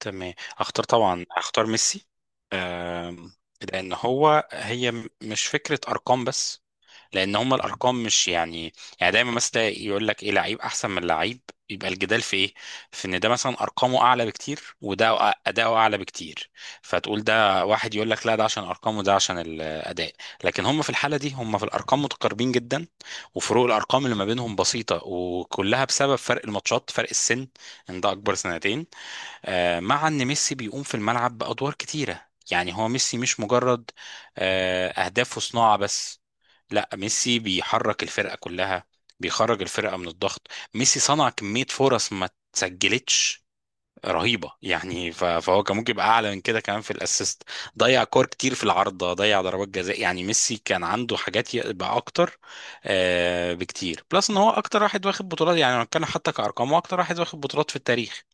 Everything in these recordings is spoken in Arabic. تمام. اختار طبعا اختار ميسي. آم، لان هي مش فكره ارقام بس. لان هما الارقام مش يعني دايما مثلا تلاقي يقول لك ايه لعيب احسن من لعيب. يبقى الجدال في ايه؟ في ان ده مثلا ارقامه اعلى بكتير وده اداؤه اعلى بكتير. فتقول ده واحد يقول لك لا، ده عشان ارقامه وده عشان الاداء. لكن هما في الحاله دي هما في الارقام متقاربين جدا، وفروق الارقام اللي ما بينهم بسيطه، وكلها بسبب فرق الماتشات، فرق السن، ان ده اكبر سنتين. مع ان ميسي بيقوم في الملعب بادوار كتيره، يعني هو ميسي مش مجرد اهداف وصناعه بس. لا، ميسي بيحرك الفرقه كلها، بيخرج الفرقه من الضغط. ميسي صنع كميه فرص ما تسجلتش رهيبه، يعني فهو كان ممكن يبقى اعلى من كده كمان في الاسيست. ضيع كور كتير في العارضه، ضيع ضربات جزاء، يعني ميسي كان عنده حاجات يبقى اكتر بكتير. بلس ان هو اكتر واحد واخد بطولات، يعني لو هنتكلم حتى كارقام هو اكتر واحد واخد بطولات في التاريخ.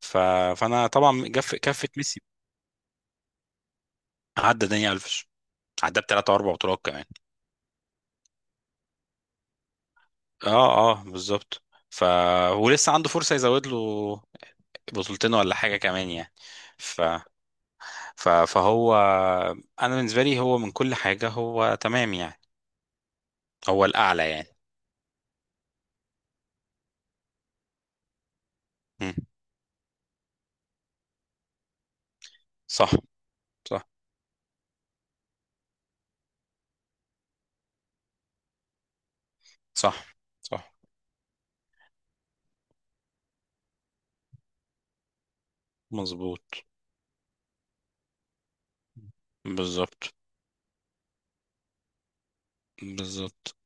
ف... فانا طبعا كفه ميسي. عدى داني الفيش، عدى بثلاث اربع بطولات كمان. اه، اه، بالظبط. ف ولسه عنده فرصه يزود له بطولتين ولا حاجه كمان يعني. ف... فهو انا بالنسبه لي هو من كل حاجه هو تمام يعني، هو الاعلى يعني. مم. صح، صح، صح، صح. مظبوط. بالظبط. بالظبط.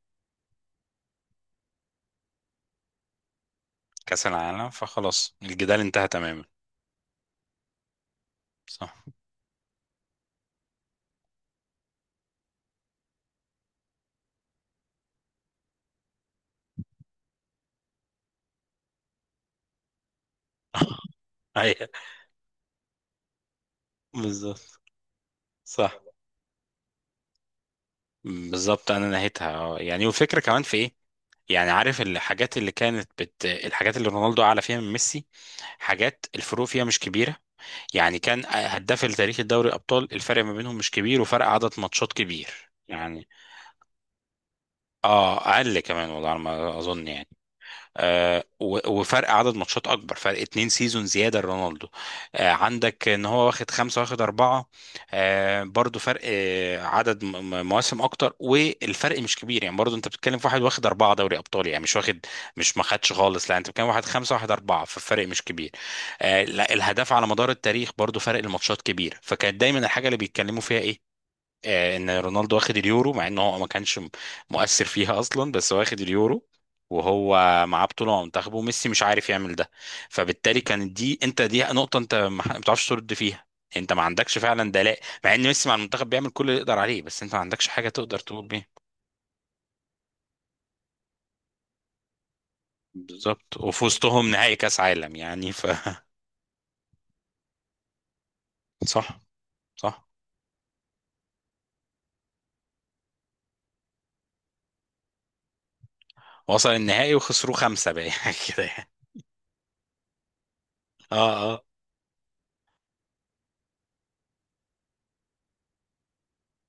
كاس العالم، فخلاص الجدال انتهى تماما. صح. ايوه، بالظبط. صح. بالظبط. انا نهيتها اه يعني، والفكره كمان في ايه، يعني عارف الحاجات اللي كانت الحاجات اللي رونالدو اعلى فيها من ميسي، حاجات الفروق فيها مش كبيره. يعني كان هداف التاريخ، الدوري الابطال، الفرق ما بينهم مش كبير، وفرق عدد ماتشات كبير يعني. اه، اقل كمان والله على ما اظن يعني. وفرق عدد ماتشات اكبر، فرق اتنين سيزون زياده لرونالدو. عندك ان هو واخد خمسه واخد اربعه. برضو فرق عدد مواسم اكتر، والفرق مش كبير يعني. برضو انت بتتكلم في واحد واخد اربعه دوري ابطال يعني، مش واخد، مش ما خدش خالص، لا انت بتتكلم واحد خمسه واحد اربعه، فالفرق مش كبير. لا، الهداف على مدار التاريخ برضو فرق الماتشات كبير، فكانت دايما الحاجه اللي بيتكلموا فيها ايه؟ ان رونالدو واخد اليورو، مع انه هو ما كانش مؤثر فيها اصلا، بس هو واخد اليورو، وهو معاه بطوله مع منتخبه، وميسي مش عارف يعمل ده. فبالتالي كانت دي انت دي نقطه انت ما بتعرفش ترد فيها، انت ما عندكش فعلا دلاء، مع ان ميسي مع المنتخب بيعمل كل اللي يقدر عليه، بس انت ما عندكش حاجه تقدر تقول بيها. بالظبط، وفي وسطهم نهائي كاس عالم يعني. صح. صح. وصل النهائي وخسروه خمسه بقى يعني كده يعني. اه، اه،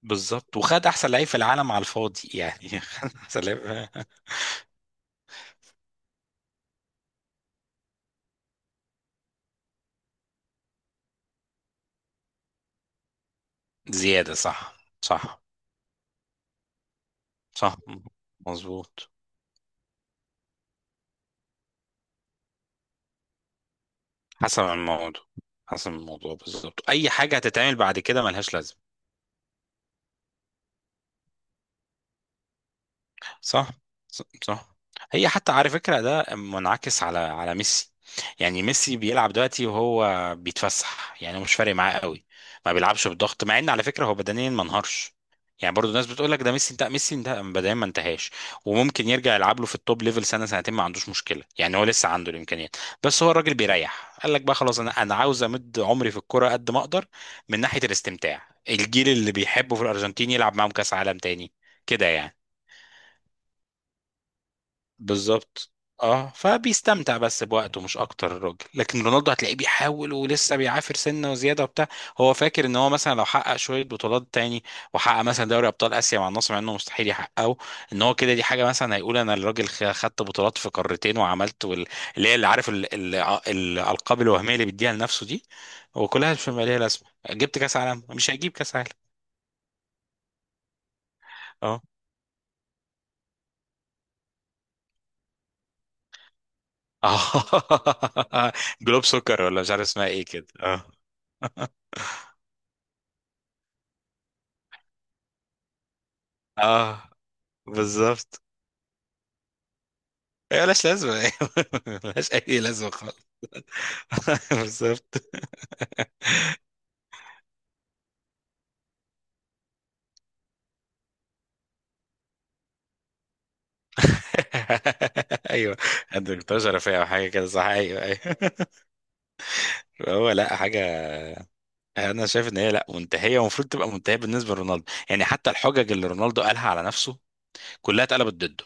بالظبط. وخد احسن لعيب في العالم على الفاضي يعني. خد احسن لعيب. زيادة، صح. صح. صح. مظبوط. حسب الموضوع. حسب الموضوع بالظبط. أي حاجة هتتعمل بعد كده ملهاش لازمة. صح، صح. هي حتى على فكرة ده منعكس على ميسي. يعني ميسي بيلعب دلوقتي وهو بيتفسح، يعني هو مش فارق معاه قوي، ما بيلعبش بالضغط، مع ان على فكرة هو بدنيا ما انهارش. يعني برضو الناس بتقول لك ده ميسي انتهى، ميسي انتهى، بدنيا ما انتهاش. وممكن يرجع يلعب له في التوب ليفل سنة سنتين، ما عندوش مشكلة، يعني هو لسه عنده الامكانيات. بس هو الراجل بيريح، قال لك بقى خلاص، انا عاوز امد عمري في الكرة قد ما اقدر، من ناحية الاستمتاع، الجيل اللي بيحبه في الارجنتين يلعب معاهم كاس عالم تاني كده يعني. بالظبط. اه، فبيستمتع بس بوقته مش اكتر الراجل. لكن رونالدو هتلاقيه بيحاول ولسه بيعافر سنه وزياده وبتاع. هو فاكر ان هو مثلا لو حقق شويه بطولات تاني، وحقق مثلا دوري ابطال اسيا مع النصر، مع انه مستحيل يحققه، ان هو كده دي حاجه مثلا هيقول انا الراجل خدت بطولات في قارتين وعملت اللي هي اللي عارف الالقاب الوهميه اللي بيديها لنفسه دي، وكلها مش ماليه لازمه. جبت كاس عالم؟ مش هيجيب كاس عالم. اه. اه، جلوب سكر ولا مش عارف اسمها ايه كده، اه. اه، بالظبط. هي ملهاش لازمة، أيوة. ملهاش أي لازمة خالص. بالظبط. أيوه، الدكتور شرفية أو حاجة كده، صح، أيوه، أيوه. هو لا حاجة. أنا شايف إن هي لا منتهية ومفروض تبقى منتهية بالنسبة لرونالدو. يعني حتى الحجج اللي رونالدو قالها على نفسه كلها اتقلبت ضده.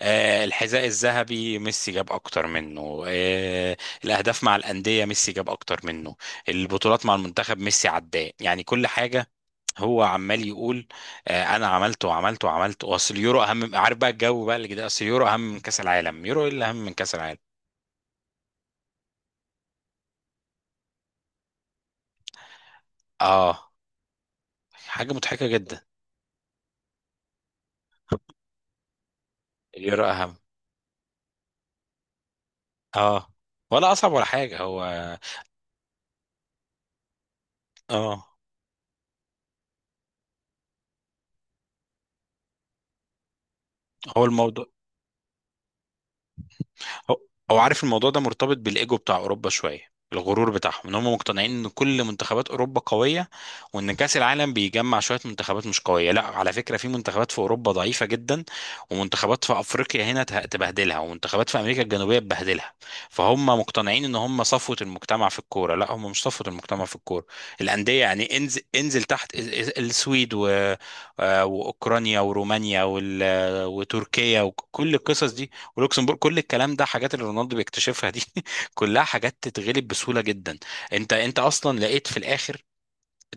آه، الحذاء الذهبي ميسي جاب اكتر منه، آه الاهداف مع الانديه ميسي جاب اكتر منه، البطولات مع المنتخب ميسي عداه، يعني كل حاجه. هو عمال يقول انا عملت وعملت وعملت، واصل اليورو اهم من-، عارف بقى الجو بقى اللي كده، اصل اليورو اهم من كاس العالم؟ يورو ايه اللي اهم من كاس العالم؟ اه، حاجه مضحكه جدا. اليورو اهم، اه، ولا اصعب ولا حاجه هو. اه. هو الموضوع، هو هو عارف الموضوع ده مرتبط بالايجو بتاع اوروبا شويه، الغرور بتاعهم، ان هم مقتنعين ان كل منتخبات اوروبا قويه، وان كاس العالم بيجمع شويه منتخبات مش قويه. لا، على فكره في منتخبات في اوروبا ضعيفه جدا، ومنتخبات في افريقيا هنا تبهدلها، ومنتخبات في امريكا الجنوبيه تبهدلها. فهم مقتنعين ان هم صفوه المجتمع في الكوره. لا، هم مش صفوه المجتمع في الكوره. الانديه يعني، انزل انزل تحت السويد و... واوكرانيا ورومانيا وتركيا وكل القصص دي ولوكسمبورغ. كل الكلام ده حاجات اللي رونالدو بيكتشفها دي. كلها حاجات تتغلب بسهولة جدا. انت اصلا لقيت في الاخر،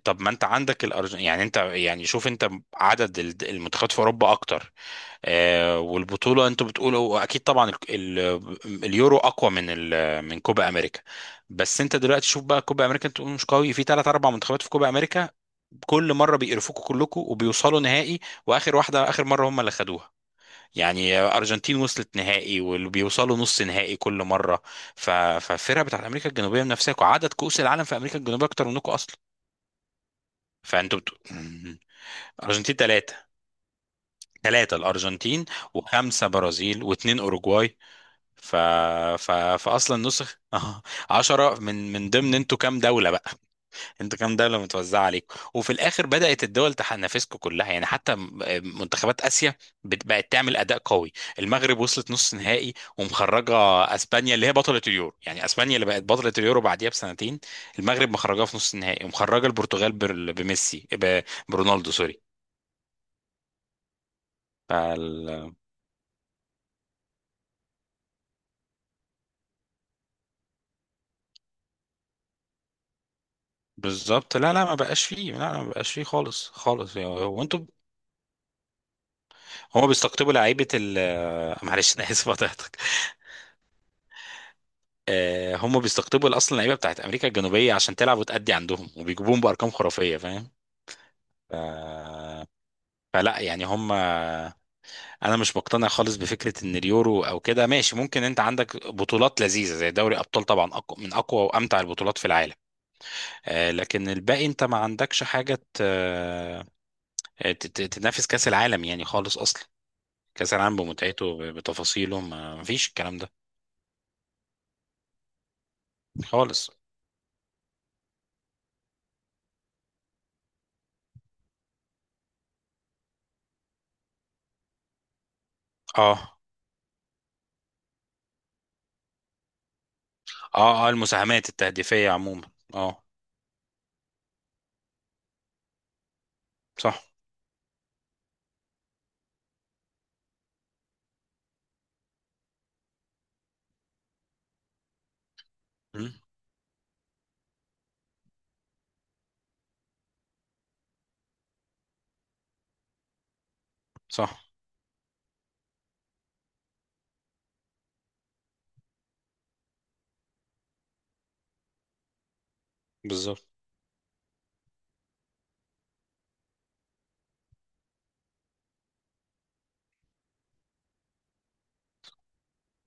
طب ما انت عندك الارجنتين يعني، انت يعني شوف انت عدد المنتخبات في اوروبا اكتر. آه، والبطوله انتوا بتقولوا اكيد طبعا ال ال اليورو اقوى من ال من كوبا امريكا. بس انت دلوقتي شوف بقى كوبا امريكا، انت بتقول مش قوي، في ثلاث اربع منتخبات في كوبا امريكا كل مره بيقرفوكوا كلكوا وبيوصلوا نهائي، واخر واحده اخر مره هم اللي خدوها، يعني ارجنتين وصلت نهائي واللي بيوصلوا نص نهائي كل مره. فالفرقه بتاعت امريكا الجنوبيه من نفسها، وعدد كؤوس العالم في امريكا الجنوبيه اكتر منكم اصلا. فانتوا بت... ارجنتين ثلاثه. ثلاثه الارجنتين، وخمسه برازيل، واثنين اوروجواي. ف... ف... فاصلا نسخ 10 من ضمن انتوا كام دوله بقى. انتوا كام دولة متوزعة عليكم، وفي الآخر بدأت الدول تنافسكم كلها يعني، حتى منتخبات آسيا بقت تعمل أداء قوي. المغرب وصلت نص نهائي ومخرجة أسبانيا اللي هي بطلة اليورو. يعني أسبانيا اللي بقت بطلة اليورو بعديها بسنتين المغرب مخرجاها في نص النهائي، ومخرجة البرتغال بميسي برونالدو. سوري. فال... بالظبط. لا، لا، ما بقاش فيه، لا، لا، ما بقاش فيه خالص خالص، يعني هو انتوا هما بيستقطبوا لعيبة معلش أنا آسف قطعتك. هم بيستقطبوا اصلا اللعيبه بتاعت امريكا الجنوبيه عشان تلعب وتأدي عندهم، وبيجيبوهم بارقام خرافيه، فاهم؟ ف... فلا يعني هم، انا مش مقتنع خالص بفكره ان اليورو او كده ماشي. ممكن انت عندك بطولات لذيذه زي دوري ابطال، طبعا أقوى من اقوى وامتع البطولات في العالم، لكن الباقي انت ما عندكش حاجه ت... آه، ت- ت- تنافس كاس العالم يعني خالص اصلا. كاس العالم بمتعته بتفاصيله ما فيش الكلام ده خالص. اه، اه، اه. المساهمات التهديفيه عموما. اه، صح، صح، بالظبط.